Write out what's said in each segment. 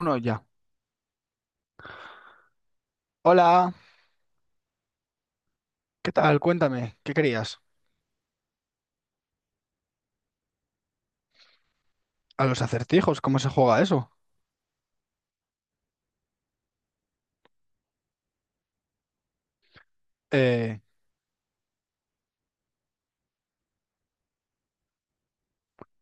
Uno ya. Hola, ¿qué tal? Cuéntame, ¿qué querías? A los acertijos, ¿cómo se juega eso? Eh,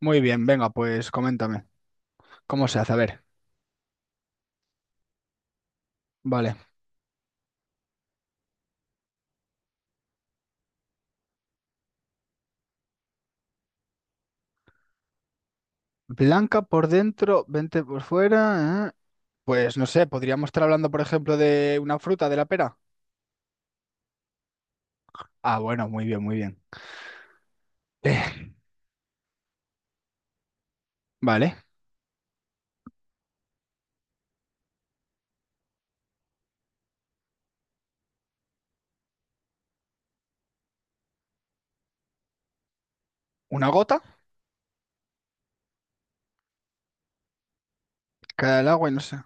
muy bien, venga, pues coméntame. ¿Cómo se hace? A ver, vale. Blanca por dentro, 20 por fuera. ¿Eh? Pues no sé, podríamos estar hablando, por ejemplo, de una fruta, de la pera. Ah, bueno, muy bien, muy bien. Eh, vale. Una gota, cae del agua y no sé.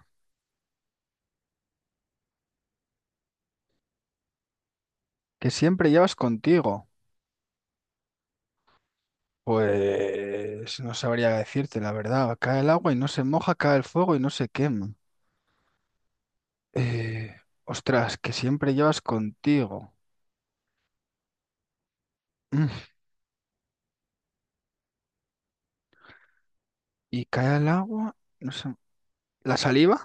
Que siempre llevas contigo. Pues no sabría decirte, la verdad. Cae el agua y no se moja, cae el fuego y no se quema. Eh, ostras, que siempre llevas contigo. Mm, Y cae al agua, no sé. ¿La saliva?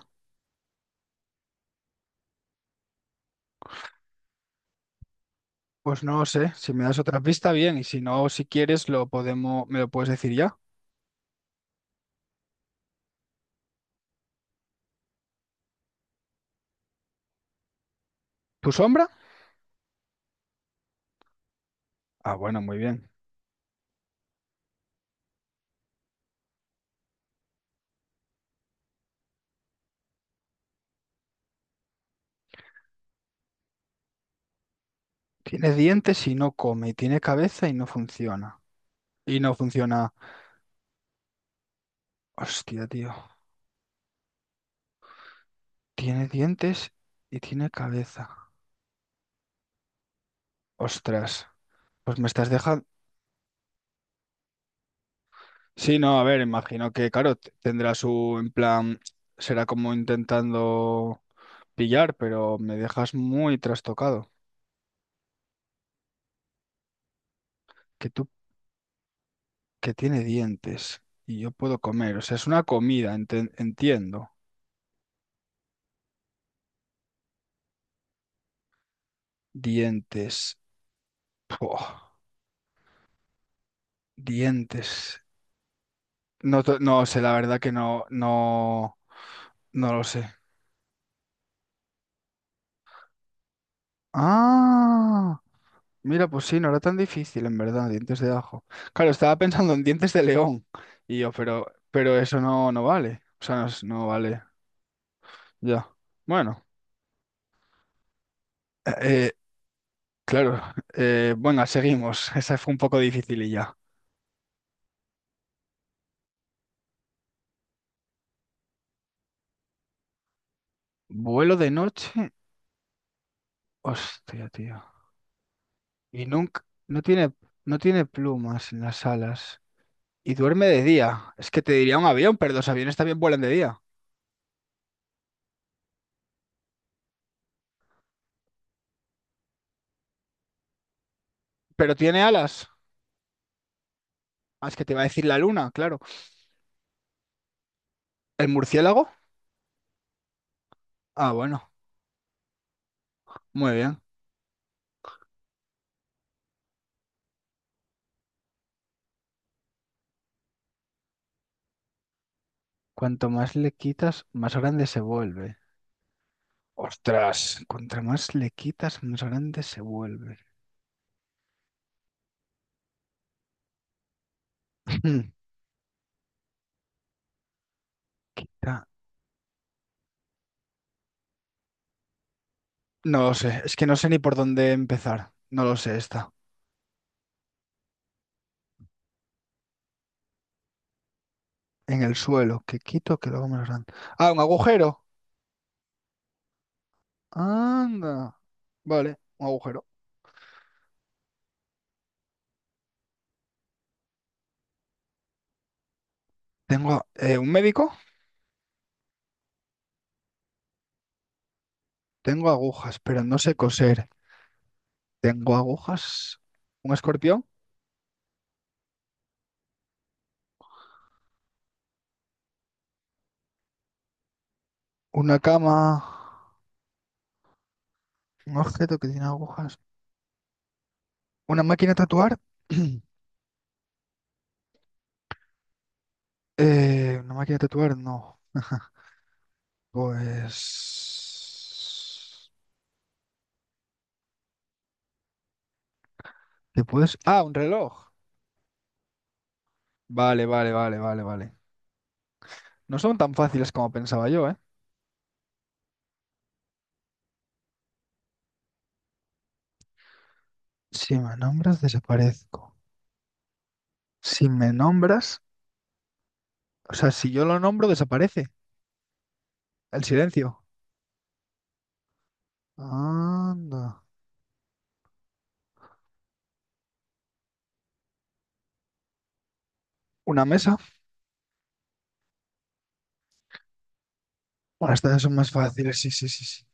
Pues no lo sé. Si me das otra pista, bien. Y si no, si quieres, lo podemos, me lo puedes decir ya. ¿Tu sombra? Ah, bueno, muy bien. Tiene dientes y no come. Y tiene cabeza y no funciona. Y no funciona. Hostia, tío. Tiene dientes y tiene cabeza. Ostras. Pues me estás dejando. Sí, no, a ver, imagino que, claro, tendrá su, en plan, será como intentando. Pillar, pero me dejas muy trastocado. Que tú, que tiene dientes y yo puedo comer. O sea, es una comida, entiendo. Dientes. Puah, dientes. No, no sé, la verdad que no, no, no lo sé. Ah, mira, pues sí, no era tan difícil, en verdad, dientes de ajo. Claro, estaba pensando en dientes de león. Y yo, pero eso no, no vale. O sea, no, no vale. Ya. Bueno. eh, claro, bueno, seguimos. Esa fue un poco difícil y ya. Vuelo de noche. Hostia, tío. Y nunca, no tiene plumas en las alas. Y duerme de día. Es que te diría un avión, pero los aviones también vuelan de día. Pero tiene alas. Ah, es que te va a decir la luna, claro. ¿El murciélago? Ah, bueno, muy bien. Cuanto más le quitas, más grande se vuelve. Ostras, cuanto más le quitas, más grande se vuelve. Quita. No lo sé, es que no sé ni por dónde empezar. No lo sé, está en el suelo. ¿Qué quito? Que lo hago más grande. Ah, un agujero. Anda. Vale, un agujero. Tengo un médico, tengo agujas, pero no sé coser. Tengo agujas, un escorpión, una cama, un objeto que tiene agujas, una máquina de tatuar. Una máquina de tatuar, no. Pues... ¿Te puedes? Ah, un reloj. Vale, vale, vale, vale, vale. No son tan fáciles como pensaba yo, ¿eh? Si me nombras, desaparezco. Si me nombras, o sea, si yo lo nombro, desaparece. El silencio. Anda. Una mesa. Bueno, estas son más fáciles, sí, sí, sí, sí.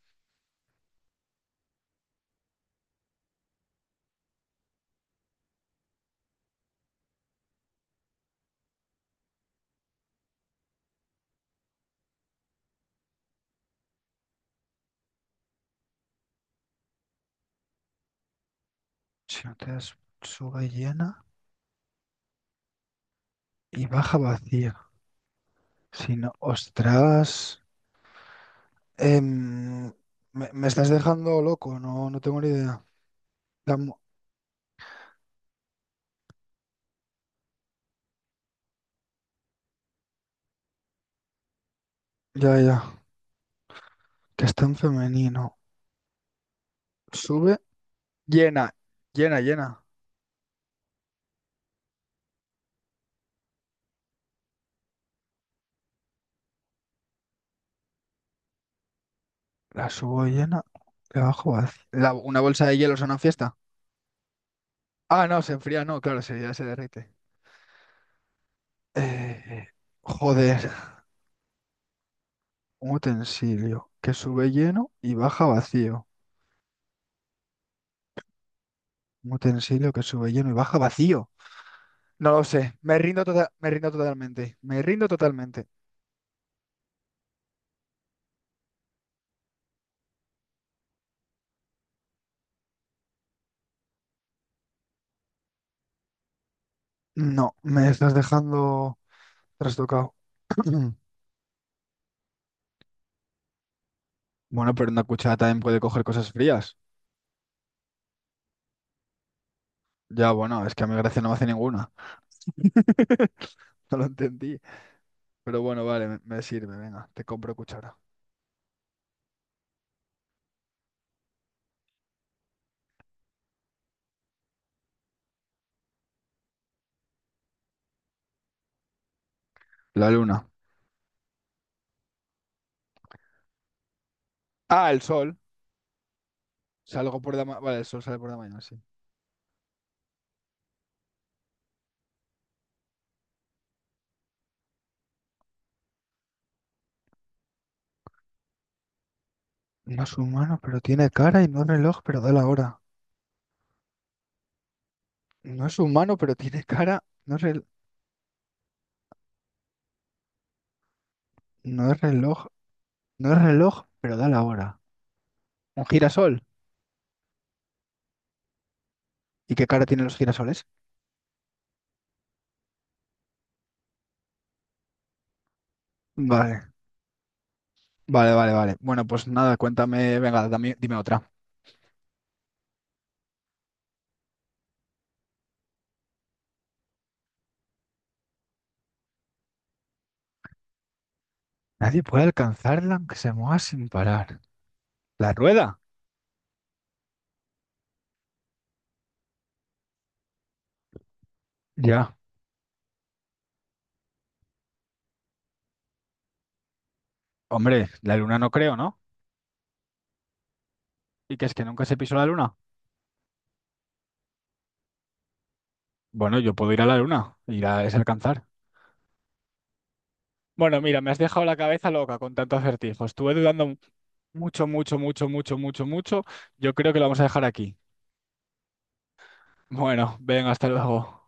Si no te das, sube llena y baja vacía. Si no, ostras. Em, me estás dejando loco, no, no tengo ni idea. La mu- ya, ya. Que está en femenino. Sube, llena, llena, llena. La subo llena, la bajo vacía. ¿Una bolsa de hielo una fiesta? Ah, no, se enfría, no, claro, ya se derrite. Eh, joder, un utensilio que sube lleno y baja vacío. Un utensilio que sube lleno y baja vacío. No lo sé, me rindo total, me rindo totalmente, me rindo totalmente. No, me estás dejando trastocado. Bueno, pero una cuchara también puede coger cosas frías. Ya, bueno, es que a mi gracia no me hace ninguna. No lo entendí. Pero bueno, vale, me sirve, venga, te compro cuchara. La luna. Ah, el sol. Salgo por vale, el sol sale por la mañana, sí. No es humano, pero tiene cara y no es reloj, pero da la hora. No es humano, pero tiene cara. No es reloj. No es reloj, pero da la hora. Un girasol. ¿Y qué cara tienen los girasoles? Vale, vale, vale, vale. Bueno, pues nada, cuéntame, venga, dime otra. Nadie puede alcanzarla aunque se mueva sin parar. ¿La rueda? Ya. Hombre, la luna no creo, ¿no? ¿Y qué es que nunca se pisó la luna? Bueno, yo puedo ir a la luna, ir a es alcanzar. Bueno, mira, me has dejado la cabeza loca con tanto acertijos. Estuve dudando mucho, mucho, mucho, mucho, mucho, mucho. Yo creo que lo vamos a dejar aquí. Bueno, ven, hasta luego.